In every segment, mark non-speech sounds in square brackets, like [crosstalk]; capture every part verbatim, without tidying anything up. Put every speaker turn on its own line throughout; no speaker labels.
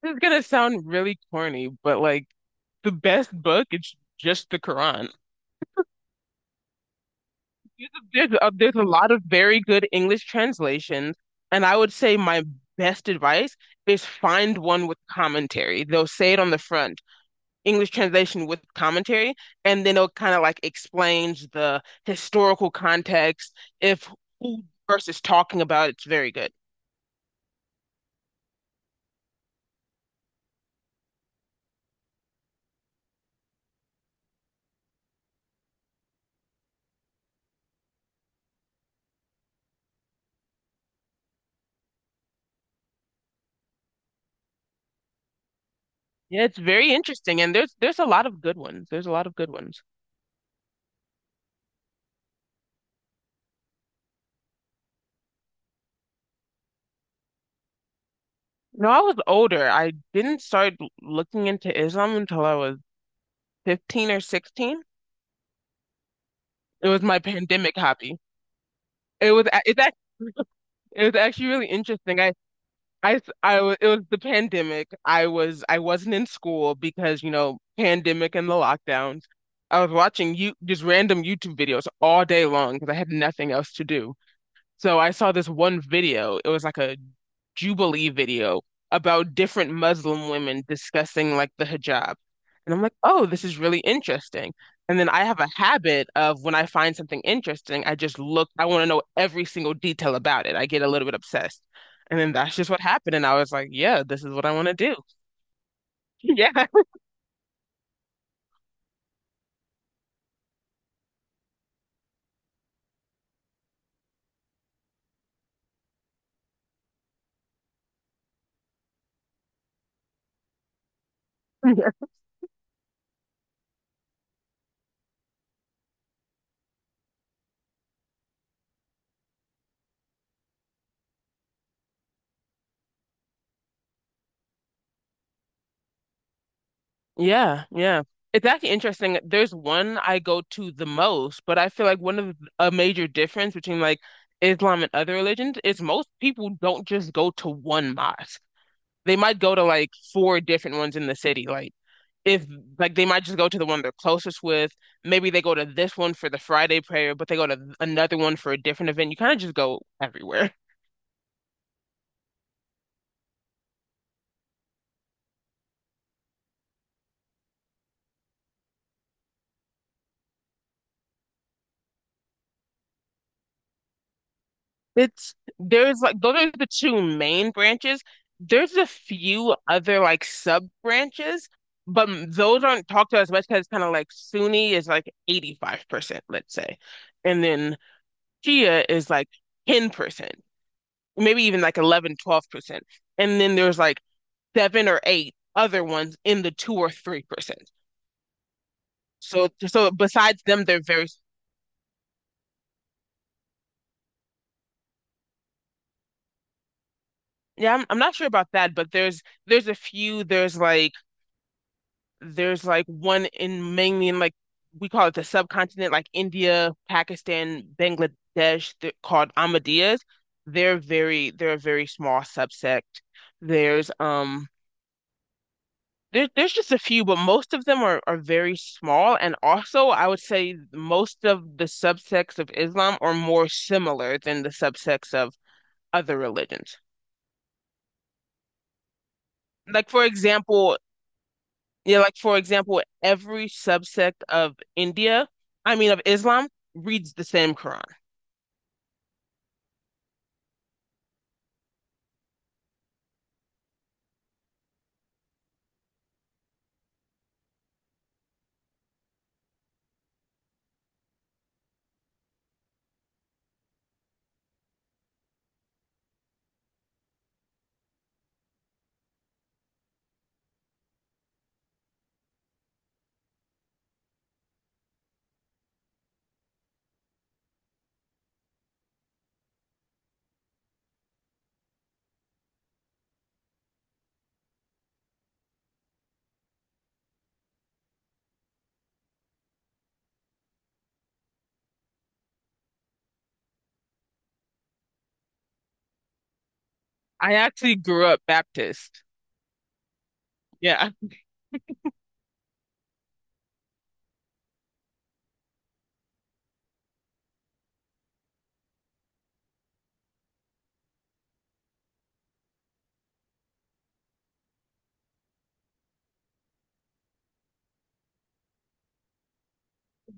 This is gonna sound really corny, but like the best book is just the Quran. There's there's a, there's a lot of very good English translations, and I would say my best advice is find one with commentary. They'll say it on the front, English translation with commentary, and then it'll kind of like explains the historical context. If who verse is talking about, it's very good. Yeah, it's very interesting, and there's there's a lot of good ones. There's a lot of good ones. No, I was older. I didn't start l- looking into Islam until I was fifteen or sixteen. It was my pandemic hobby. It was a- it's actually [laughs] It was actually really interesting. I I s- I wa- It was the pandemic. I was I wasn't in school because, you know, pandemic and the lockdowns. I was watching you just random YouTube videos all day long because I had nothing else to do. So I saw this one video. It was like a Jubilee video about different Muslim women discussing like the hijab. And I'm like, oh, this is really interesting. And then I have a habit of when I find something interesting, I just look, I want to know every single detail about it. I get a little bit obsessed. And then that's just what happened. And I was like, yeah, this is what I want to do. [laughs] Yeah. Yeah, yeah. It's actually interesting. There's one I go to the most, but I feel like one of a major difference between like Islam and other religions is most people don't just go to one mosque. They might go to like four different ones in the city. Like if like they might just go to the one they're closest with. Maybe they go to this one for the Friday prayer, but they go to another one for a different event. You kind of just go everywhere. It's there's like those are the two main branches. There's a few other like sub branches, but m- those aren't talked to as much because kind of like Sunni is like eighty-five percent, let's say. And then Shia is like ten percent, maybe even like eleven, twelve percent. And then there's like seven or eight other ones in the two or three percent. So so besides them, they're very yeah, I'm, I'm not sure about that, but there's there's a few, there's like there's like one in mainly in like we call it the subcontinent, like India, Pakistan, Bangladesh, they're called Ahmadiyas. They're very they're a very small subsect. There's um there, there's just a few, but most of them are, are very small. And also, I would say most of the subsects of Islam are more similar than the subsects of other religions. Like, for example, Yeah, like for example, every subsect of India, I mean of Islam, reads the same Quran. I actually grew up Baptist. Yeah.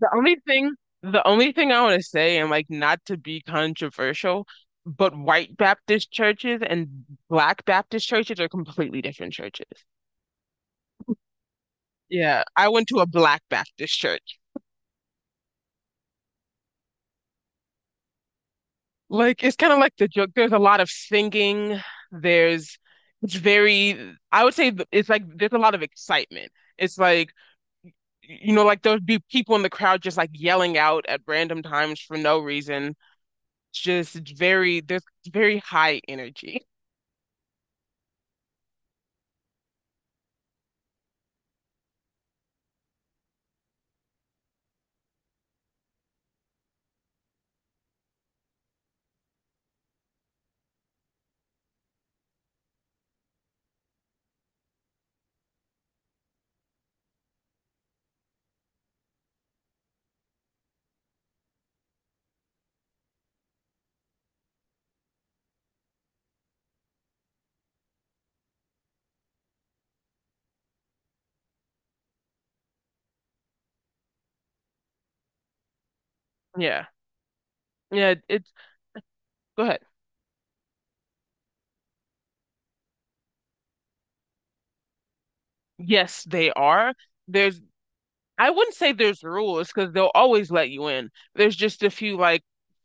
The only thing, the only thing I want to say, and like not to be controversial, but white Baptist churches and black Baptist churches are completely different churches. Yeah, I went to a black Baptist church. Like it's kind of like the joke. There's a lot of singing. There's it's very, I would say th- it's like there's a lot of excitement. It's like you know, like there would be people in the crowd just like yelling out at random times for no reason. Just very, there's very high energy. Yeah. Yeah. It's, go ahead. Yes, they are. There's I wouldn't say there's rules because they'll always let you in. There's just a few like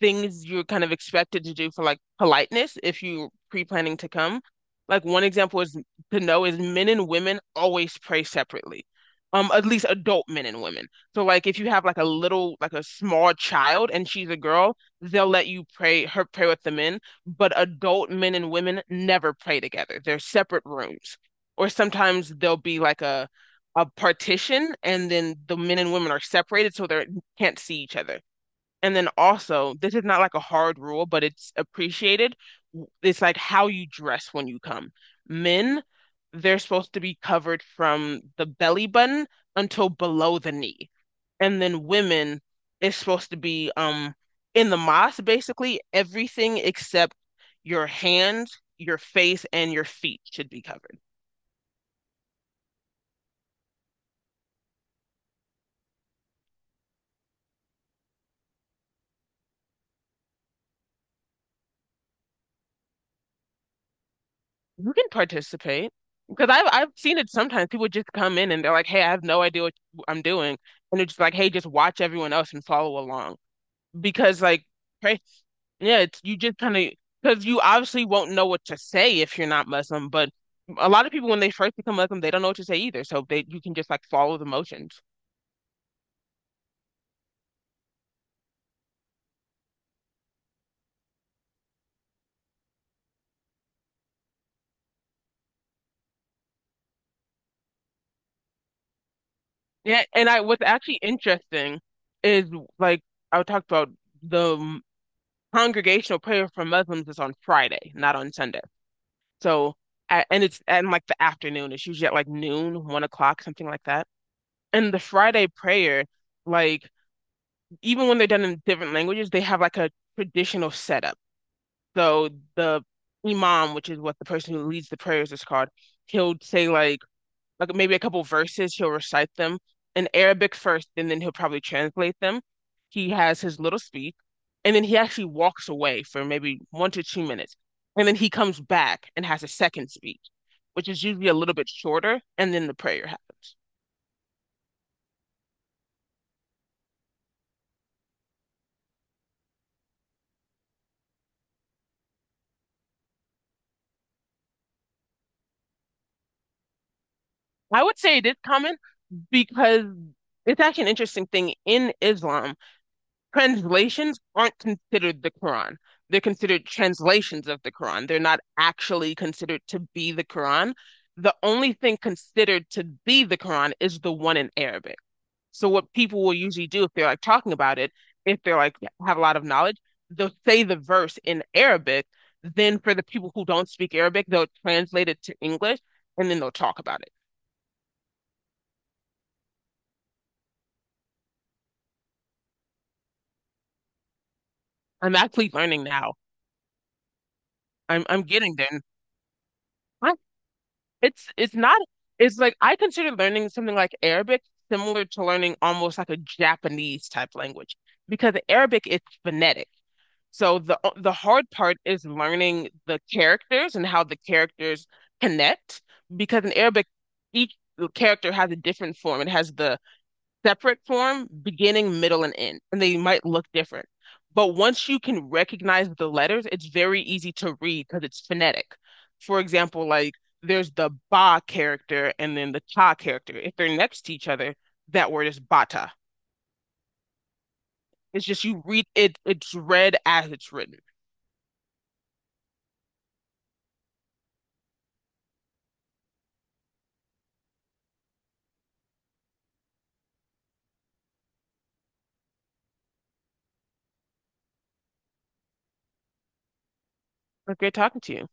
things you're kind of expected to do for like politeness if you're pre-planning to come. Like one example is to know is men and women always pray separately. Um, at least adult men and women. So like if you have like a little like a small child and she's a girl, they'll let you pray her pray with the men, but adult men and women never pray together. They're separate rooms. Or sometimes there'll be like a a partition and then the men and women are separated so they can't see each other. And then also, this is not like a hard rule, but it's appreciated. It's like how you dress when you come. Men, they're supposed to be covered from the belly button until below the knee. And then women is supposed to be um in the mosque basically everything except your hands, your face, and your feet should be covered. You can participate because I've I've seen it sometimes. People just come in and they're like, "Hey, I have no idea what I'm doing," and they're just like, "Hey, just watch everyone else and follow along." Because like, pray, yeah, it's you just kind of because you obviously won't know what to say if you're not Muslim. But a lot of people when they first become Muslim, they don't know what to say either. So they you can just like follow the motions. Yeah, and I what's actually interesting is like I would talk about the congregational prayer for Muslims is on Friday, not on Sunday. So, a- and it's and like the afternoon. It's usually at like noon, one o'clock, something like that. And the Friday prayer, like even when they're done in different languages, they have like a traditional setup. So the imam, which is what the person who leads the prayers is called, he'll say like like maybe a couple verses, he'll recite them in Arabic first, and then he'll probably translate them. He has his little speech, and then he actually walks away for maybe one to two minutes. And then he comes back and has a second speech, which is usually a little bit shorter, and then the prayer happens. I would say it is common because it's actually an interesting thing in Islam translations aren't considered the Quran. They're considered translations of the Quran. They're not actually considered to be the Quran. The only thing considered to be the Quran is the one in Arabic. So what people will usually do if they're like talking about it, if they're like have a lot of knowledge, they'll say the verse in Arabic. Then for the people who don't speak Arabic, they'll translate it to English and then they'll talk about it. I'm actually learning now. I'm I'm getting there. I It's it's not it's like I consider learning something like Arabic similar to learning almost like a Japanese type language because Arabic is phonetic. So the the hard part is learning the characters and how the characters connect because in Arabic each character has a different form. It has the separate form, beginning, middle, and end, and they might look different. But once you can recognize the letters, it's very easy to read because it's phonetic. For example, like there's the ba character and then the ta character. If they're next to each other, that word is bata. It's just you read it, it's read as it's written. But great talking to you.